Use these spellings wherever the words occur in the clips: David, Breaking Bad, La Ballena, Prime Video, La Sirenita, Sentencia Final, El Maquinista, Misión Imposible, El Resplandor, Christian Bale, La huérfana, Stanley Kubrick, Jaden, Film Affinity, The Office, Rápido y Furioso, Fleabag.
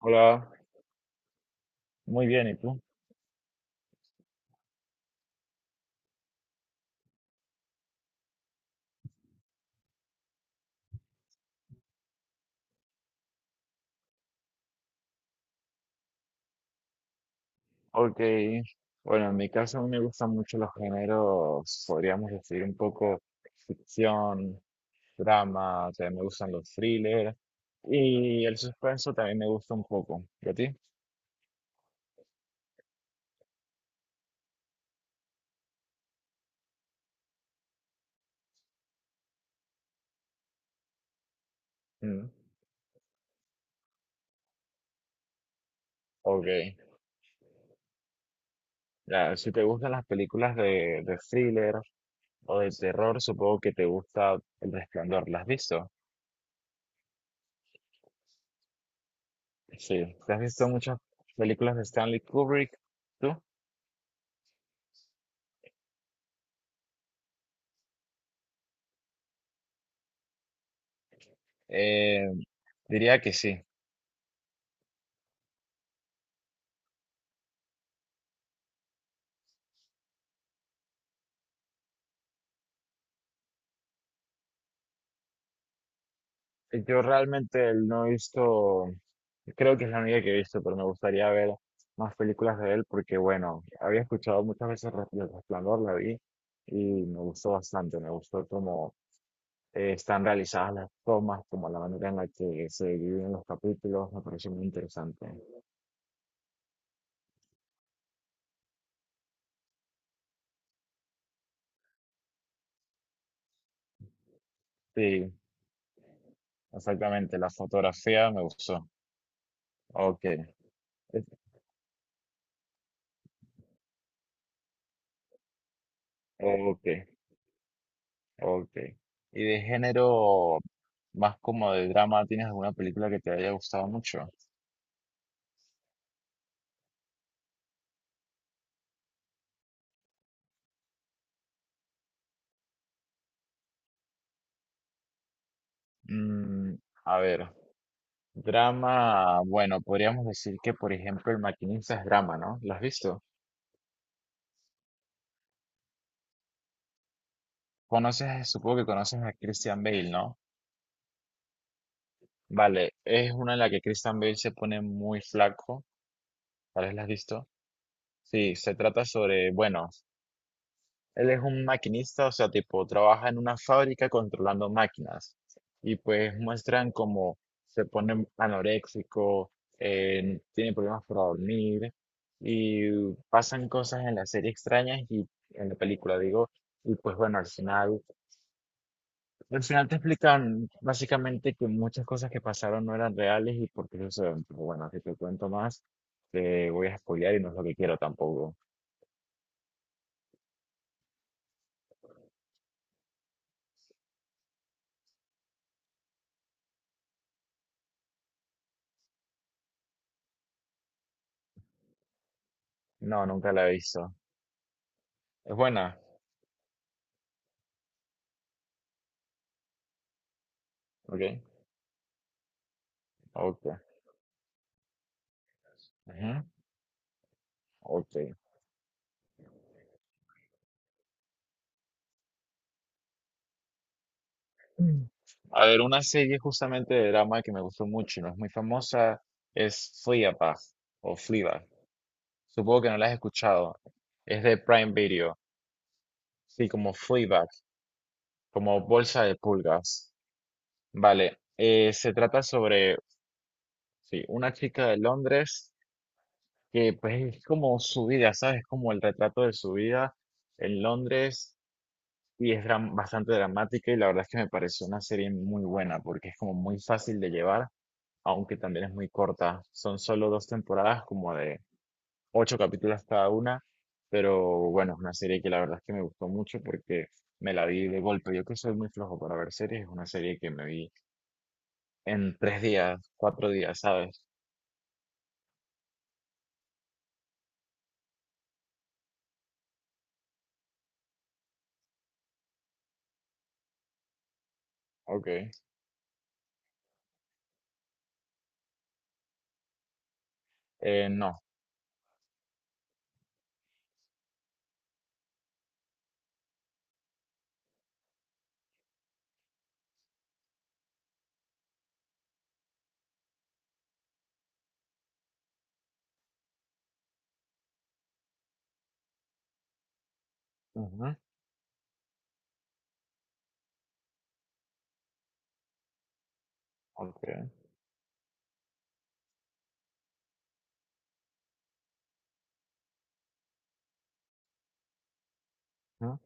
Hola, muy bien, ¿y tú? Ok, bueno, en mi caso a mí me gustan mucho los géneros, podríamos decir un poco ficción, drama, también me gustan los thrillers y el suspenso también me gusta un poco. ¿Y a ti? Mm, ok, ya, si te gustan las películas de thriller o de terror, supongo que te gusta El Resplandor, ¿las has visto? Sí, ¿te has visto muchas películas de Stanley Kubrick? ¿Tú? Eh, Diría que sí. Yo realmente no he visto, creo que es la única que he visto, pero me gustaría ver más películas de él porque, bueno, había escuchado muchas veces Re- El Resplandor, la vi y me gustó bastante, me gustó cómo están realizadas las tomas, como la manera en la que se dividen los capítulos, me pareció muy interesante. Sí, exactamente, la fotografía me gustó. Ok, ok, ok. ¿Y de género más como de drama, tienes alguna película que te haya gustado mucho? Mm, a ver, drama, bueno, podríamos decir que, por ejemplo, El Maquinista es drama, ¿no? ¿Lo has visto? Conoces, supongo que conoces a Christian Bale, ¿no? Vale, es una en la que Christian Bale se pone muy flaco, tal vez la has visto. Sí, se trata sobre, bueno, él es un maquinista, o sea, tipo, trabaja en una fábrica controlando máquinas. Y pues muestran cómo se pone anoréxico, tiene problemas para dormir, y pasan cosas en la serie extrañas y en la película, digo. Y pues bueno, al final te explican básicamente que muchas cosas que pasaron no eran reales y por qué suceden. Pero bueno, si te cuento más, te voy a spoilear y no es lo que quiero tampoco. No, nunca la he visto. Es buena, ¿ok? Ok. Ujú, ok. Mm. A ver, una serie justamente de drama que me gustó mucho y no es muy famosa es Fleabag o Fleabag. Supongo que no la has escuchado. Es de Prime Video. Sí, como Fleabag, como bolsa de pulgas. Vale. Se trata sobre, sí, una chica de Londres que pues es como su vida, ¿sabes? Como el retrato de su vida en Londres y es dram- bastante dramática y la verdad es que me pareció una serie muy buena porque es como muy fácil de llevar aunque también es muy corta. Son solo dos temporadas, como de ocho capítulos cada una, pero bueno, es una serie que la verdad es que me gustó mucho porque me la vi de golpe. Yo que soy muy flojo para ver series, es una serie que me vi en 3 días, 4 días, ¿sabes? Ok. No. Ujú, ok. Ujú.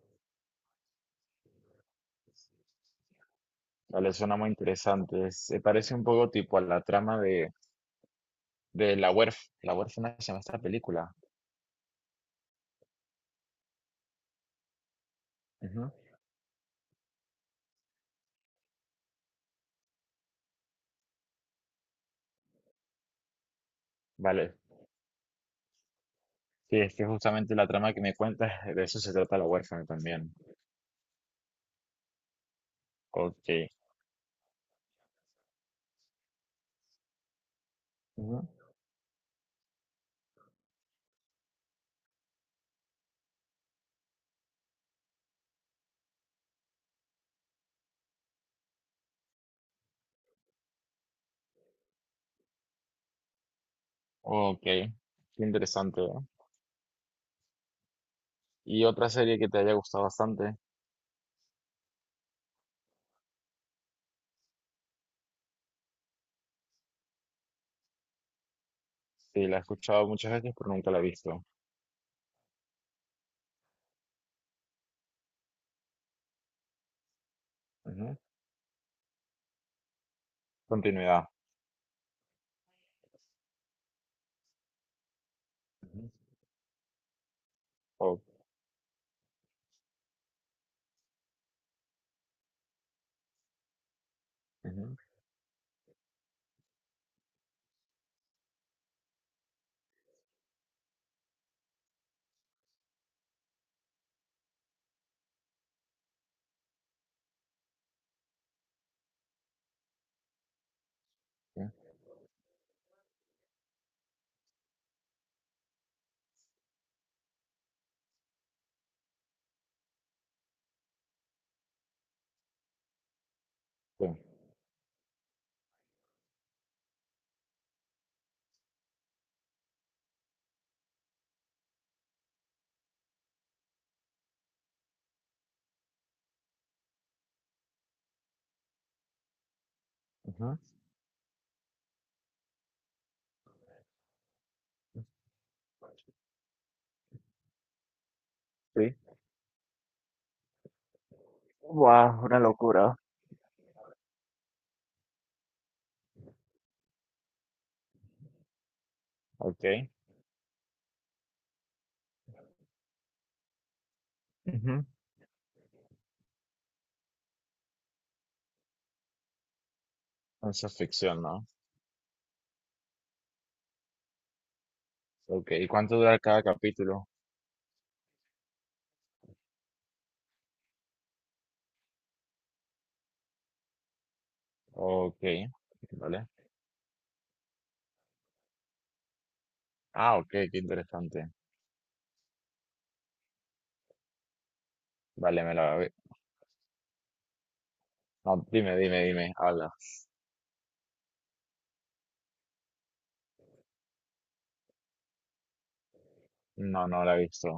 Vale, suena muy interesante. Se parece un poco tipo a la trama de La Huérf- La huérfana se llama esta película. Ujú. Vale, sí, es que justamente la trama que me cuentas, de eso se trata La huérfana también. Ok. Ujú. Ok. Qué interesante, ¿no? ¿Y otra serie que te haya gustado bastante? Sí, la he escuchado muchas veces, pero nunca la he visto. Ujú. Continuidad. Ujú. Ok. Ujú. Sí. Sí. Ujú. Sí. Guau, una locura. Ok. Ujú. Ciencia ficción, ¿no? Ok. ¿Y cuánto dura cada capítulo? Ok. Vale. Ah, ok, qué interesante. Vale, me la... No, dime, dime, dime. Habla. No, no la he visto.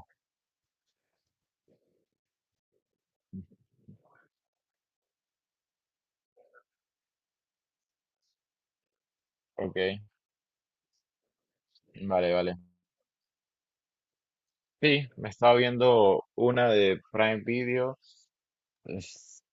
Ok, vale, vale. Sí, me estaba viendo una de Prime Video, es-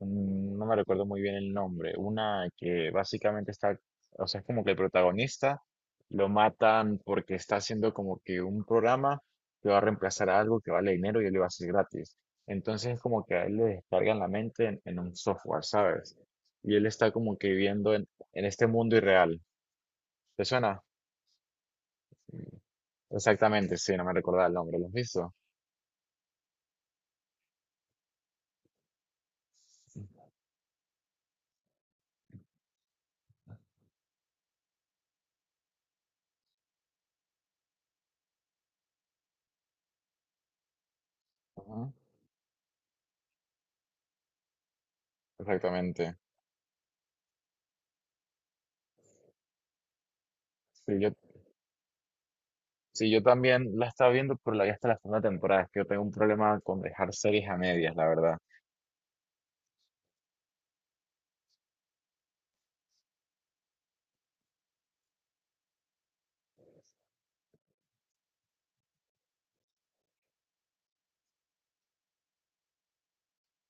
no me recuerdo muy bien el nombre, una que básicamente está, o sea, es como que el protagonista lo matan porque está haciendo como que un programa que va a reemplazar a algo que vale dinero y él lo va a hacer gratis. Entonces es como que a él le descargan la mente en un software, ¿sabes? Y él está como que viviendo en este mundo irreal. ¿Te suena? Exactamente, sí, no me recordaba el nombre, ¿lo has visto? Ajá, exactamente. Sí, yo, sí, yo también la estaba viendo, pero la vi hasta la segunda temporada. Es que yo tengo un problema con dejar series a medias, la verdad.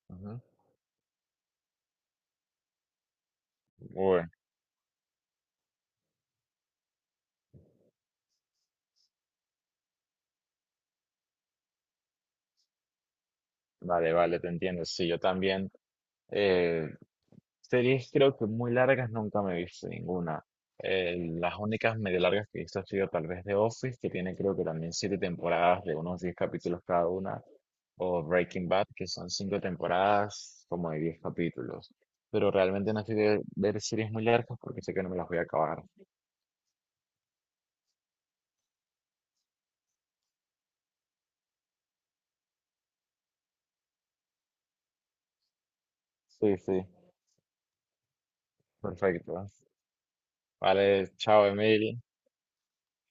Ajá. Uy, vale, vale, te entiendo. Sí, yo también. eh, series creo que muy largas nunca me he visto ninguna. Las únicas medio largas que he visto ha sido tal vez The Office, que tiene creo que también siete temporadas de unos diez capítulos cada una. O Breaking Bad, que son cinco temporadas, como de 10 capítulos. Pero realmente no estoy de ver series muy largas porque sé que no me las voy a acabar. Sí, sí, perfecto. Vale, chao, Emil.